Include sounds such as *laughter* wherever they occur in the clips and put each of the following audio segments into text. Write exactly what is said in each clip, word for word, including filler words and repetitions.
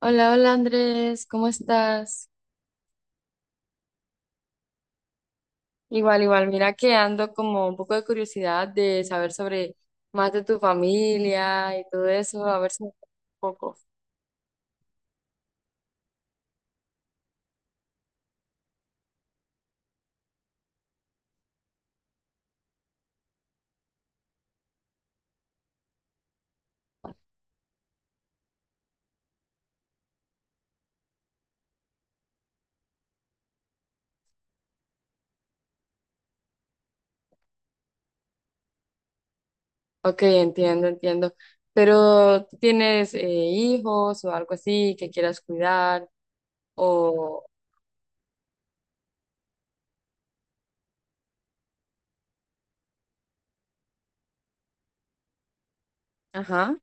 Hola, hola Andrés, ¿cómo estás? Igual, igual, mira que ando como un poco de curiosidad de saber sobre más de tu familia y todo eso, a ver si me cuentas un poco. Ok, entiendo, entiendo. Pero ¿tú tienes eh, hijos o algo así que quieras cuidar o... Ajá.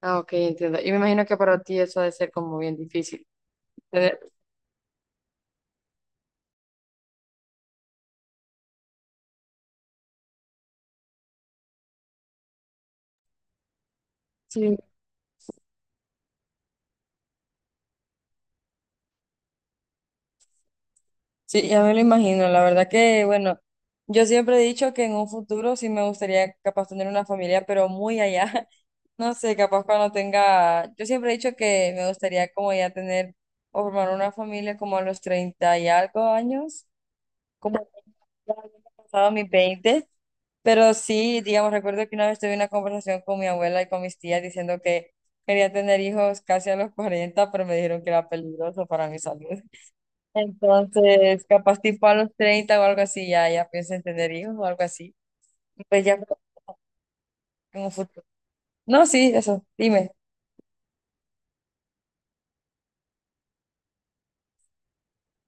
Ah, ok, entiendo. Y me imagino que para ti eso ha de ser como bien difícil. Tener- Sí. Sí, ya me lo imagino. La verdad que, bueno, yo siempre he dicho que en un futuro sí me gustaría capaz tener una familia, pero muy allá. *laughs* No sé, capaz cuando tenga, yo siempre he dicho que me gustaría como ya tener o formar una familia como a los treinta y algo años, como ya habiendo pasado mis veinte. Pero sí, digamos, recuerdo que una vez tuve una conversación con mi abuela y con mis tías diciendo que quería tener hijos casi a los cuarenta, pero me dijeron que era peligroso para mi salud. Entonces, capaz tipo a los treinta o algo así, ya, ya pienso en tener hijos o algo así. Pues ya en un futuro. No, sí, eso, dime.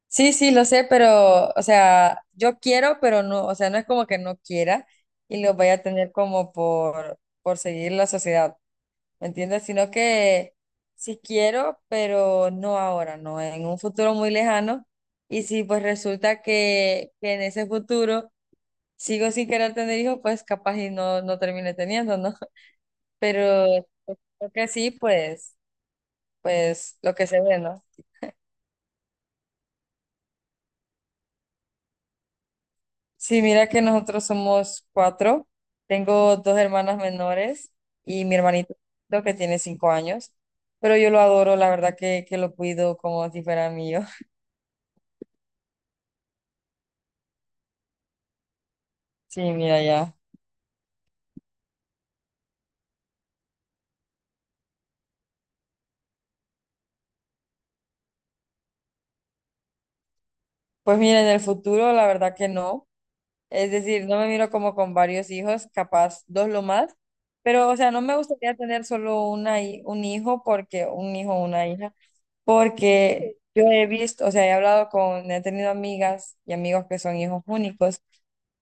Sí, sí, lo sé, pero, o sea, yo quiero, pero no, o sea, no es como que no quiera y lo vaya a tener como por, por seguir la sociedad, ¿me entiendes? Sino que sí quiero, pero no ahora, no, en un futuro muy lejano. Y si pues resulta que, que en ese futuro sigo sin querer tener hijos, pues capaz y no, no termine teniendo, ¿no? Pero creo que sí, pues, pues lo que se ve, ¿no? Sí, mira que nosotros somos cuatro. Tengo dos hermanas menores y mi hermanito lo que tiene cinco años. Pero yo lo adoro, la verdad que, que lo cuido como si fuera mío. *laughs* Sí, mira ya. Pues mira, en el futuro la verdad que no. Es decir, no me miro como con varios hijos, capaz dos lo más. Pero, o sea, no me gustaría tener solo una, hi- un hijo porque un hijo o una hija porque yo he visto, o sea, he hablado con, he tenido amigas y amigos que son hijos únicos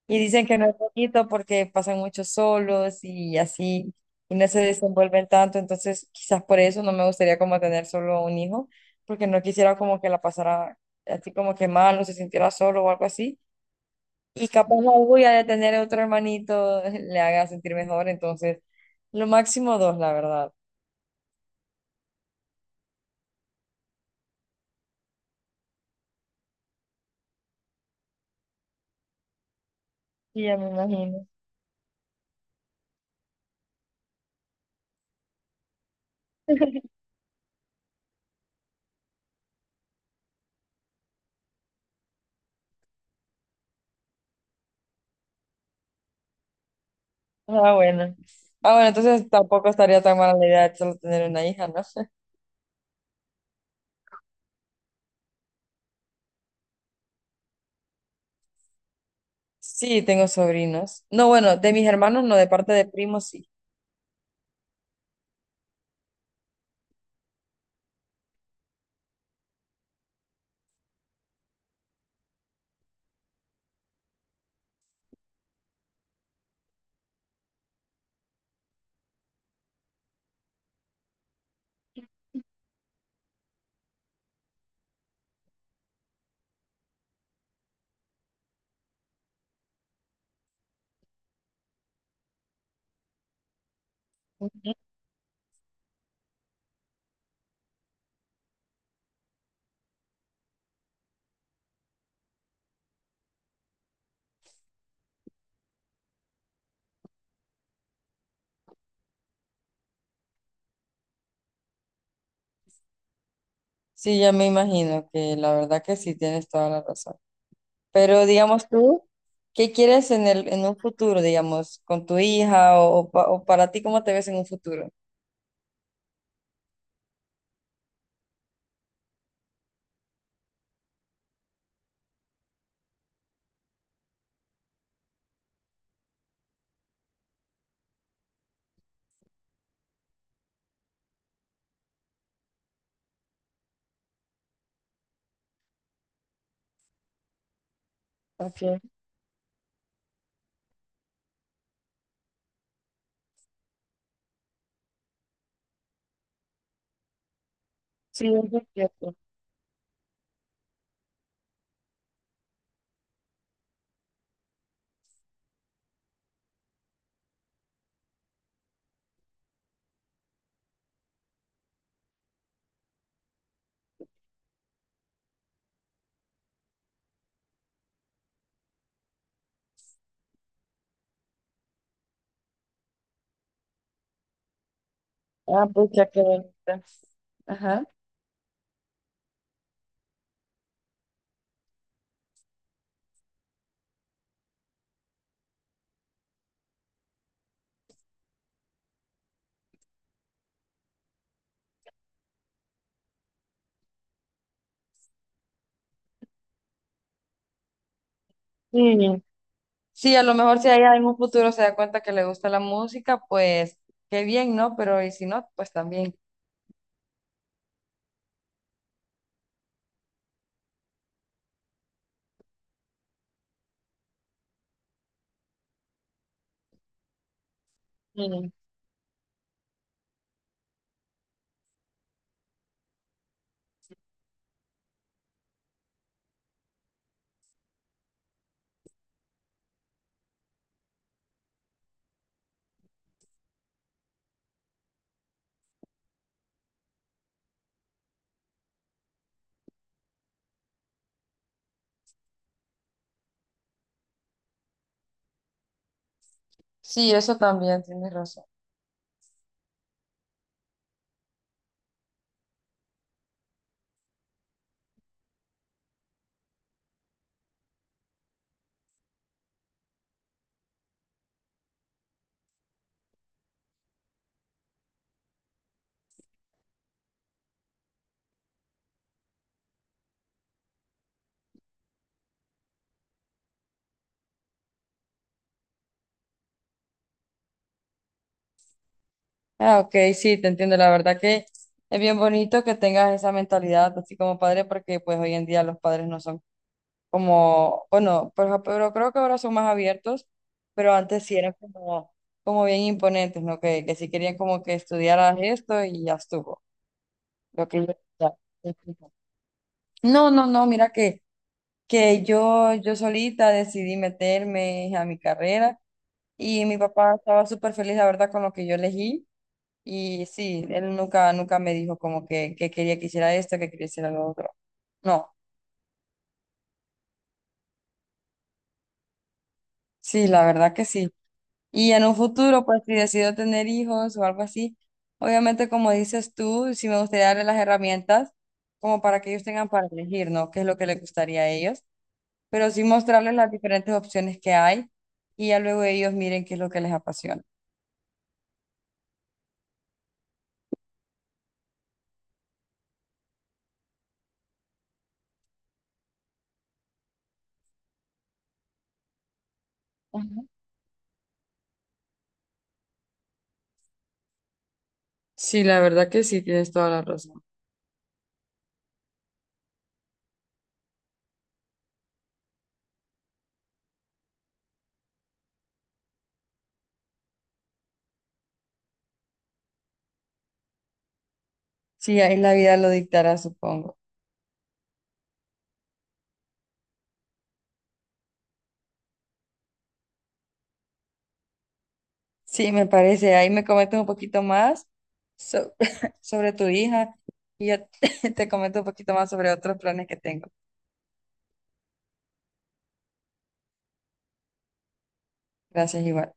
y dicen que no es bonito porque pasan mucho solos y así, y no se desenvuelven tanto, entonces quizás por eso no me gustaría como tener solo un hijo, porque no quisiera como que la pasara así como que mal o se sintiera solo o algo así. Y capaz la orgullo de tener otro hermanito *laughs* le haga sentir mejor, entonces lo máximo dos, la verdad. Sí, ya me imagino. Ah, bueno. Ah, bueno, entonces tampoco estaría tan mala la idea de solo tener una hija, ¿no? Sí, tengo sobrinos. No, bueno, de mis hermanos no, de parte de primos sí. Sí, ya me imagino que la verdad que sí tienes toda la razón. Pero digamos tú, ¿qué quieres en el, en un futuro, digamos, con tu hija o, o pa- o para ti, cómo te ves en un futuro? Ok, sí, eso es cierto. Ah, pues ya que bonita. Ajá. Sí. Sí, a lo mejor si ella en un futuro se da cuenta que le gusta la música, pues qué bien, ¿no? Pero y si no, pues también. Mm. Sí, eso también, tienes razón. Ah, ok, sí, te entiendo. La verdad que es bien bonito que tengas esa mentalidad así como padre, porque pues hoy en día los padres no son como, bueno, pero, pero creo que ahora son más abiertos, pero antes sí eran como, como bien imponentes, ¿no? Que, que sí querían como que estudiaras esto y ya estuvo. Lo que yo- ya. No, no, no, mira que... que yo, yo solita decidí meterme a mi carrera y mi papá estaba súper feliz, la verdad, con lo que yo elegí y sí, él nunca, nunca me dijo como que, que quería que hiciera esto, que quería hacer lo otro. No, sí, la verdad que sí. Y en un futuro, pues si decido tener hijos o algo así, obviamente como dices tú, sí me gustaría darle las herramientas como para que ellos tengan para elegir, ¿no? ¿Qué es lo que les gustaría a ellos? Pero sí mostrarles las diferentes opciones que hay y ya luego ellos miren qué es lo que les apasiona. Sí, la verdad que sí, tienes toda la razón. Sí, ahí la vida lo dictará, supongo. Sí, me parece. Ahí me comentas un poquito más so- *laughs* sobre tu hija y yo *laughs* te comento un poquito más sobre otros planes que tengo. Gracias, igual.